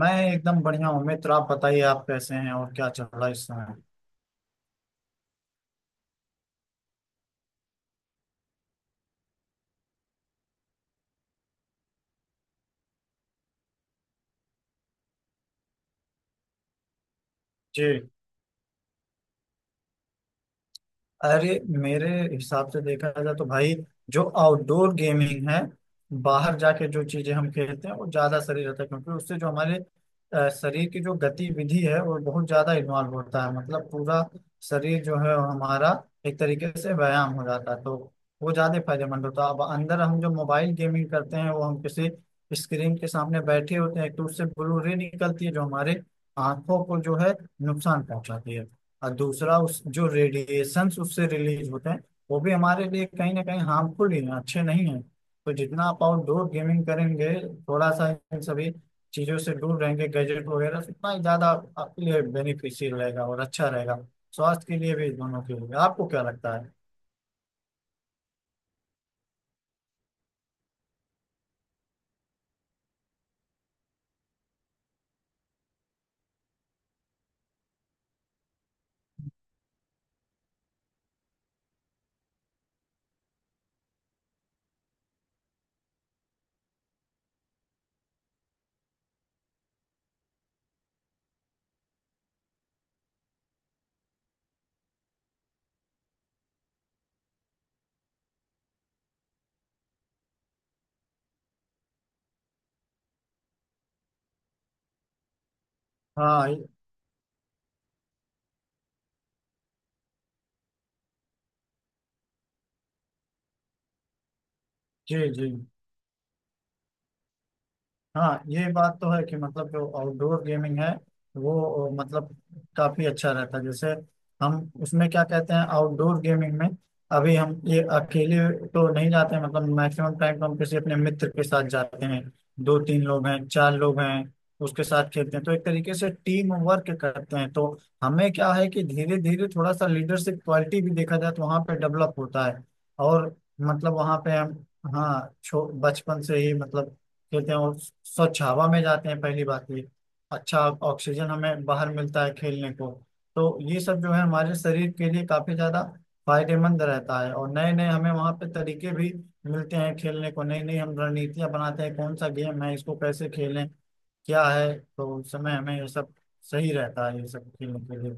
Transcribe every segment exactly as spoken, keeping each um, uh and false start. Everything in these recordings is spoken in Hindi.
मैं एकदम बढ़िया हूँ मित्र। आप बताइए, आप कैसे हैं और क्या चल रहा है इस समय। जी, अरे मेरे हिसाब से देखा जाए तो भाई, जो आउटडोर गेमिंग है, बाहर जाके जो चीजें हम खेलते हैं वो ज्यादा शरीर रहता है, क्योंकि उससे जो हमारे अ, शरीर की जो गतिविधि है वो बहुत ज्यादा इन्वॉल्व होता है, मतलब पूरा शरीर जो है वो हमारा एक तरीके से व्यायाम हो जाता है, तो वो ज्यादा फायदेमंद होता है। अब अंदर हम जो मोबाइल गेमिंग करते हैं, वो हम किसी स्क्रीन के सामने बैठे होते हैं, तो उससे ब्लू रे निकलती है जो हमारे आंखों को जो है नुकसान पहुंचाती है। और दूसरा, उस जो रेडिएशंस उससे रिलीज होते हैं, वो भी हमारे लिए कहीं ना कहीं हार्मफुल ही हैं, अच्छे नहीं हैं। तो जितना आप आउटडोर गेमिंग करेंगे, थोड़ा सा इन सभी चीज़ों से दूर रहेंगे, गैजेट वगैरह से, उतना ही ज़्यादा आपके लिए बेनिफिशियल रहेगा और अच्छा रहेगा, स्वास्थ्य के लिए भी, दोनों के लिए। आपको क्या लगता है? हाँ, जी जी। हाँ, ये बात तो है कि मतलब जो आउटडोर गेमिंग है, वो अ, मतलब काफी अच्छा रहता है। जैसे हम उसमें क्या कहते हैं आउटडोर गेमिंग में, अभी हम ये अकेले तो नहीं जाते हैं, मतलब मैक्सिमम टाइम तो हम किसी अपने मित्र के साथ जाते हैं, दो तीन लोग हैं, चार लोग हैं, उसके साथ खेलते हैं, तो एक तरीके से टीम वर्क करते हैं। तो हमें क्या है कि धीरे धीरे थोड़ा सा लीडरशिप क्वालिटी भी, देखा जाए तो वहाँ पे डेवलप होता है। और मतलब वहाँ पे हम, हाँ छो बचपन से ही मतलब खेलते हैं, और स्वच्छ हवा में जाते हैं पहली बात ये। अच्छा ऑक्सीजन हमें बाहर मिलता है खेलने को, तो ये सब जो है हमारे शरीर के लिए काफी ज्यादा फायदेमंद रहता है। और नए नए हमें वहाँ पे तरीके भी मिलते हैं खेलने को, नई नई हम रणनीतियां बनाते हैं कौन सा गेम है, इसको कैसे खेलें क्या है, तो उस समय हमें ये सब सही रहता है, ये सब खेलने के लिए।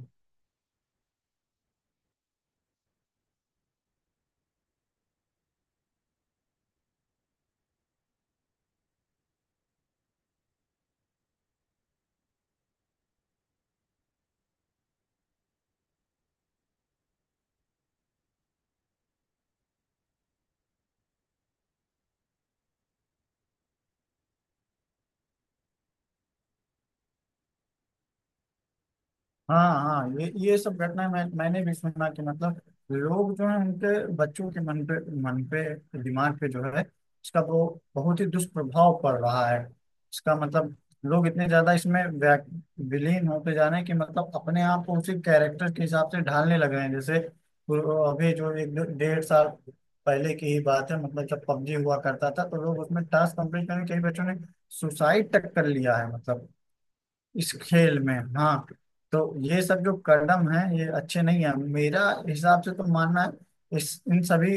हाँ हाँ, ये ये सब घटनाएं मैं, मैंने भी सुना कि मतलब लोग जो है उनके बच्चों के मन पे, मन पे, दिमाग पे जो है इसका वो बहुत ही दुष्प्रभाव पड़ रहा है। इसका मतलब लोग इतने ज्यादा इसमें व्या- विलीन होते जा रहे हैं कि मतलब अपने आप को उसी कैरेक्टर के हिसाब से ढालने लग रहे हैं। जैसे वो, अभी जो एक दो- डेढ़ साल पहले की ही बात है, मतलब जब पबजी हुआ करता था, तो लोग उसमें टास्क कंप्लीट करने कई बच्चों ने सुसाइड तक कर लिया है, मतलब इस खेल में। हाँ, तो ये सब जो कदम है ये अच्छे नहीं है, मेरा हिसाब से तो मानना है इस इन सभी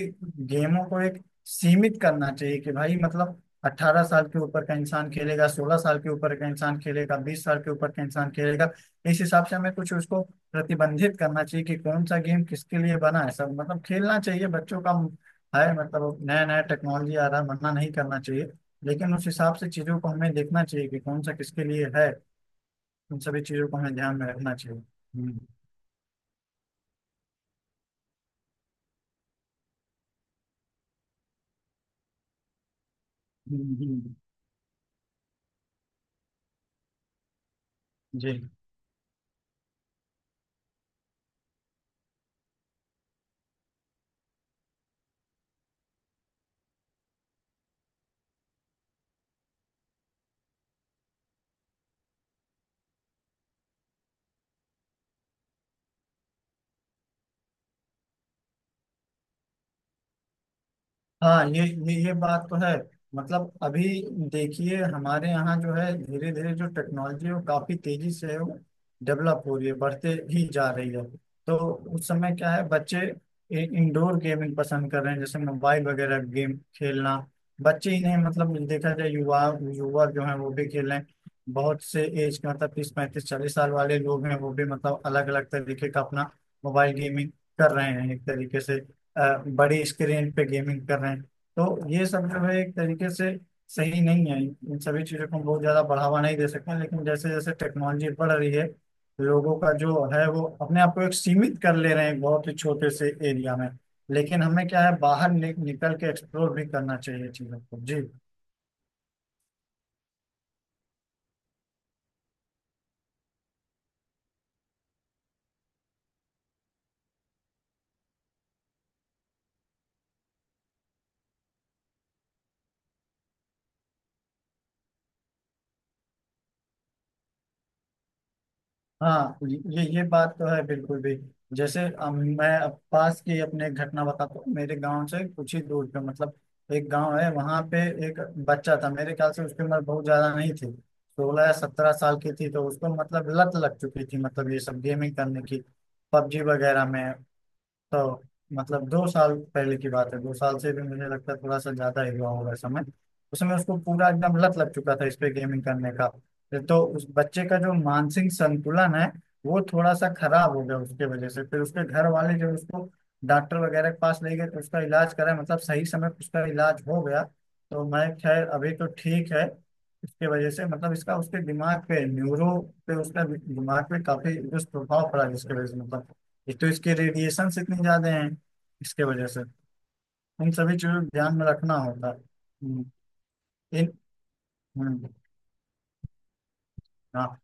गेमों को एक सीमित करना चाहिए, कि भाई मतलब अठारह साल के ऊपर का इंसान खेलेगा, सोलह साल के ऊपर का इंसान खेलेगा, बीस साल के ऊपर का इंसान खेलेगा। इस हिसाब से हमें कुछ उसको प्रतिबंधित करना चाहिए कि कौन सा गेम किसके लिए बना है, सब मतलब खेलना चाहिए बच्चों का है, मतलब नया नया टेक्नोलॉजी आ रहा है, मना नहीं करना चाहिए, लेकिन उस हिसाब से चीजों को हमें देखना चाहिए कि कौन सा किसके लिए है। इन सभी चीजों को हमें ध्यान में रखना चाहिए। हम्म, हम्म, हम्म, जी। हाँ, ये ये ये बात तो है। मतलब अभी देखिए, हमारे यहाँ जो है धीरे धीरे जो टेक्नोलॉजी है वो काफी तेजी से डेवलप हो रही है, बढ़ते ही जा रही है। तो उस समय क्या है, बच्चे इंडोर गेमिंग पसंद कर रहे हैं, जैसे मोबाइल वगैरह गेम खेलना। बच्चे ही नहीं, मतलब देखा जाए युवा, युवा जो है वो भी खेल रहे हैं। बहुत से एज के, मतलब तीस पैंतीस चालीस साल वाले लोग हैं वो भी, मतलब अलग अलग तरीके का अपना मोबाइल गेमिंग कर रहे हैं एक तरीके से, अ, बड़ी स्क्रीन पे गेमिंग कर रहे हैं। तो ये सब जो है एक तरीके से सही नहीं है, इन सभी चीज़ों को हम बहुत ज़्यादा बढ़ावा नहीं दे सकते हैं, लेकिन जैसे जैसे टेक्नोलॉजी बढ़ रही है लोगों का जो है वो अपने आप को एक सीमित कर ले रहे हैं, एक बहुत ही छोटे से एरिया में। लेकिन हमें क्या है, बाहर नि, निकल के एक्सप्लोर भी करना चाहिए चीज़ों को जी। हाँ ये ये ये बात तो है बिल्कुल भी। जैसे अम, मैं अब पास की अपने घटना बताता हूँ। मेरे गांव से कुछ ही दूर पे मतलब एक गांव है, वहां पे एक बच्चा था, मेरे ख्याल से उसकी उम्र बहुत ज्यादा नहीं थी, सोलह या सत्रह साल की थी। तो उसको मतलब लत लग चुकी थी मतलब ये सब गेमिंग करने की, पबजी वगैरह में। तो मतलब दो साल पहले की बात है, दो साल से भी मुझे लगता है थोड़ा सा ज्यादा ही हुआ होगा समय। उसमें उसको पूरा एकदम लत लग चुका था इस पे गेमिंग करने का। तो उस बच्चे का जो मानसिक संतुलन है वो थोड़ा सा खराब हो गया उसके वजह से, फिर उसके घर वाले जो उसको डॉक्टर वगैरह के पास ले गए, तो उसका इलाज करा, मतलब सही समय पे उसका इलाज हो गया। तो मैं, खैर अभी तो ठीक है। इसके वजह से मतलब इसका उसके दिमाग पे न्यूरो पे, उसका दिमाग पे काफी दुष्प्रभाव पड़ा जिसके वजह से मतलब, एक तो इसके रेडिएशन इतने ज्यादा हैं इसके वजह से। इन सभी चीजों को ध्यान में रखना होता है। हम्म, इन, हम्म, हाँ,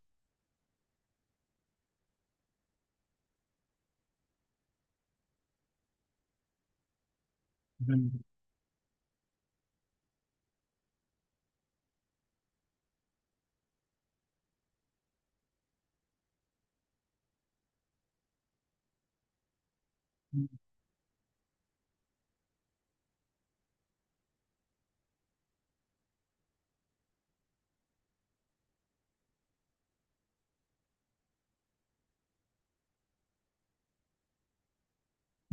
हम्म, हम्म,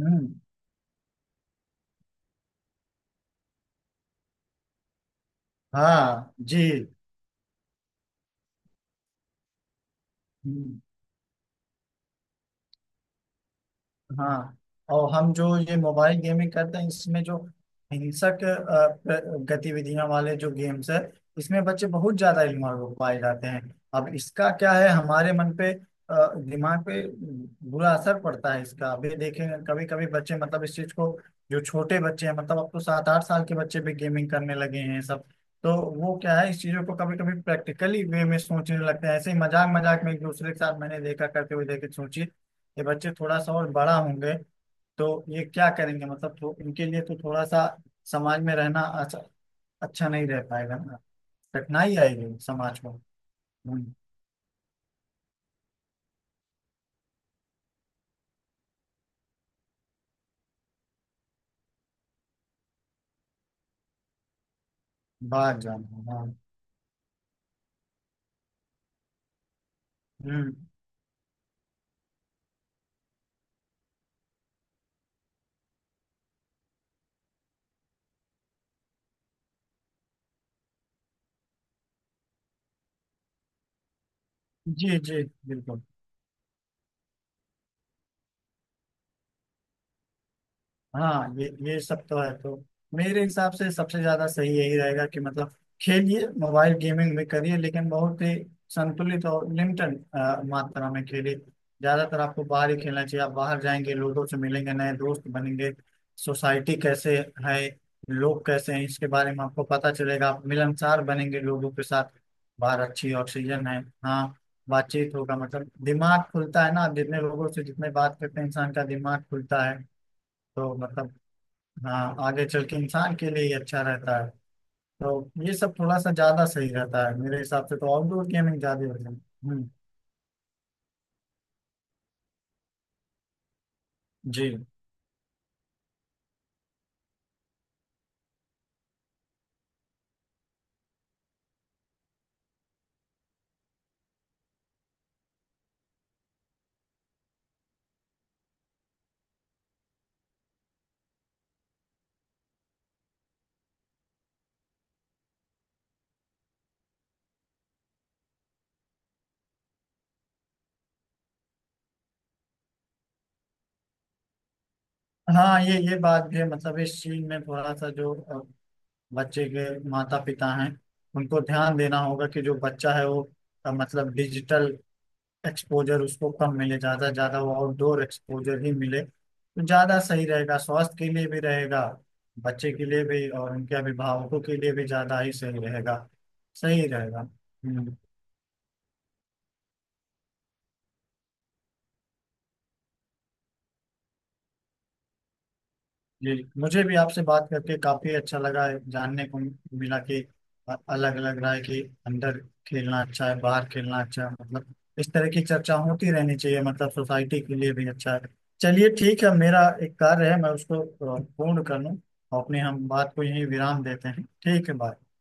हम्म, हाँ जी। हम्म। हाँ, और हम जो ये मोबाइल गेमिंग करते हैं इसमें जो हिंसक अ, प्र- गतिविधियां वाले जो गेम्स है, इसमें बच्चे बहुत ज्यादा इन्वॉल्व हो पाए जाते हैं। अब इसका क्या है, हमारे मन पे, अ, दिमाग पे बुरा असर पड़ता है इसका। अभी देखेंगे कभी कभी बच्चे मतलब इस चीज को, जो छोटे बच्चे हैं मतलब अब तो सात आठ साल के बच्चे भी गेमिंग करने लगे हैं सब। तो वो क्या है, इस चीजों को कभी कभी प्रैक्टिकली वे में सोचने लगते हैं, ऐसे ही मजाक मजाक में एक दूसरे के साथ मैंने देखा करते हुए देखे। सोचिए ये बच्चे थोड़ा सा और बड़ा होंगे तो ये क्या करेंगे, मतलब तो इनके लिए तो थोड़ा सा समाज में रहना अच्छा, अच्छा नहीं रह पाएगा ना, कठिनाई आएगी समाज को। हम्म, बाहर जाना, हाँ। हम्म, जी जी बिल्कुल। हाँ ये ये सब तो है। तो मेरे हिसाब से सबसे ज्यादा सही यही रहेगा कि मतलब खेलिए, मोबाइल गेमिंग भी करिए, लेकिन बहुत ही संतुलित और लिमिटेड अ, मात्रा में खेलिए। ज्यादातर आपको बाहर ही खेलना चाहिए, आप बाहर जाएंगे, लोगों से मिलेंगे, नए दोस्त बनेंगे, सोसाइटी कैसे है, लोग कैसे हैं, इसके बारे में आपको पता चलेगा, आप मिलनसार बनेंगे लोगों के साथ। बाहर अच्छी ऑक्सीजन है। हाँ, बातचीत होगा, मतलब दिमाग खुलता है ना, आप जितने लोगों से जितने बात करते हैं इंसान का दिमाग खुलता है। तो मतलब हाँ, आगे चल के इंसान के लिए ही अच्छा रहता है। तो ये सब थोड़ा सा ज्यादा सही रहता है मेरे हिसाब से, तो आउटडोर गेमिंग ज्यादा हो जाए। हम्म, जी। हाँ ये ये बात भी है, मतलब इस चीज में थोड़ा सा जो अ, बच्चे के माता पिता हैं उनको ध्यान देना होगा कि जो बच्चा है वो अ, मतलब डिजिटल एक्सपोजर उसको कम मिले, ज़्यादा ज़्यादा वो आउटडोर एक्सपोजर ही मिले तो ज़्यादा सही रहेगा, स्वास्थ्य के लिए भी रहेगा, बच्चे के लिए भी और उनके अभिभावकों के लिए भी ज़्यादा ही सही रहेगा। सही रहेगा। हम्म। जी, मुझे भी आपसे बात करके काफी अच्छा लगा, है जानने को मिला कि अलग अलग राय कि अंदर खेलना अच्छा है, बाहर खेलना अच्छा है, मतलब इस तरह की चर्चा होती रहनी चाहिए, मतलब सोसाइटी के लिए भी अच्छा है। चलिए ठीक है, मेरा एक कार्य है मैं उसको अ, पूर्ण कर लूँ, अपने हम बात को यहीं विराम देते हैं। ठीक है बाय।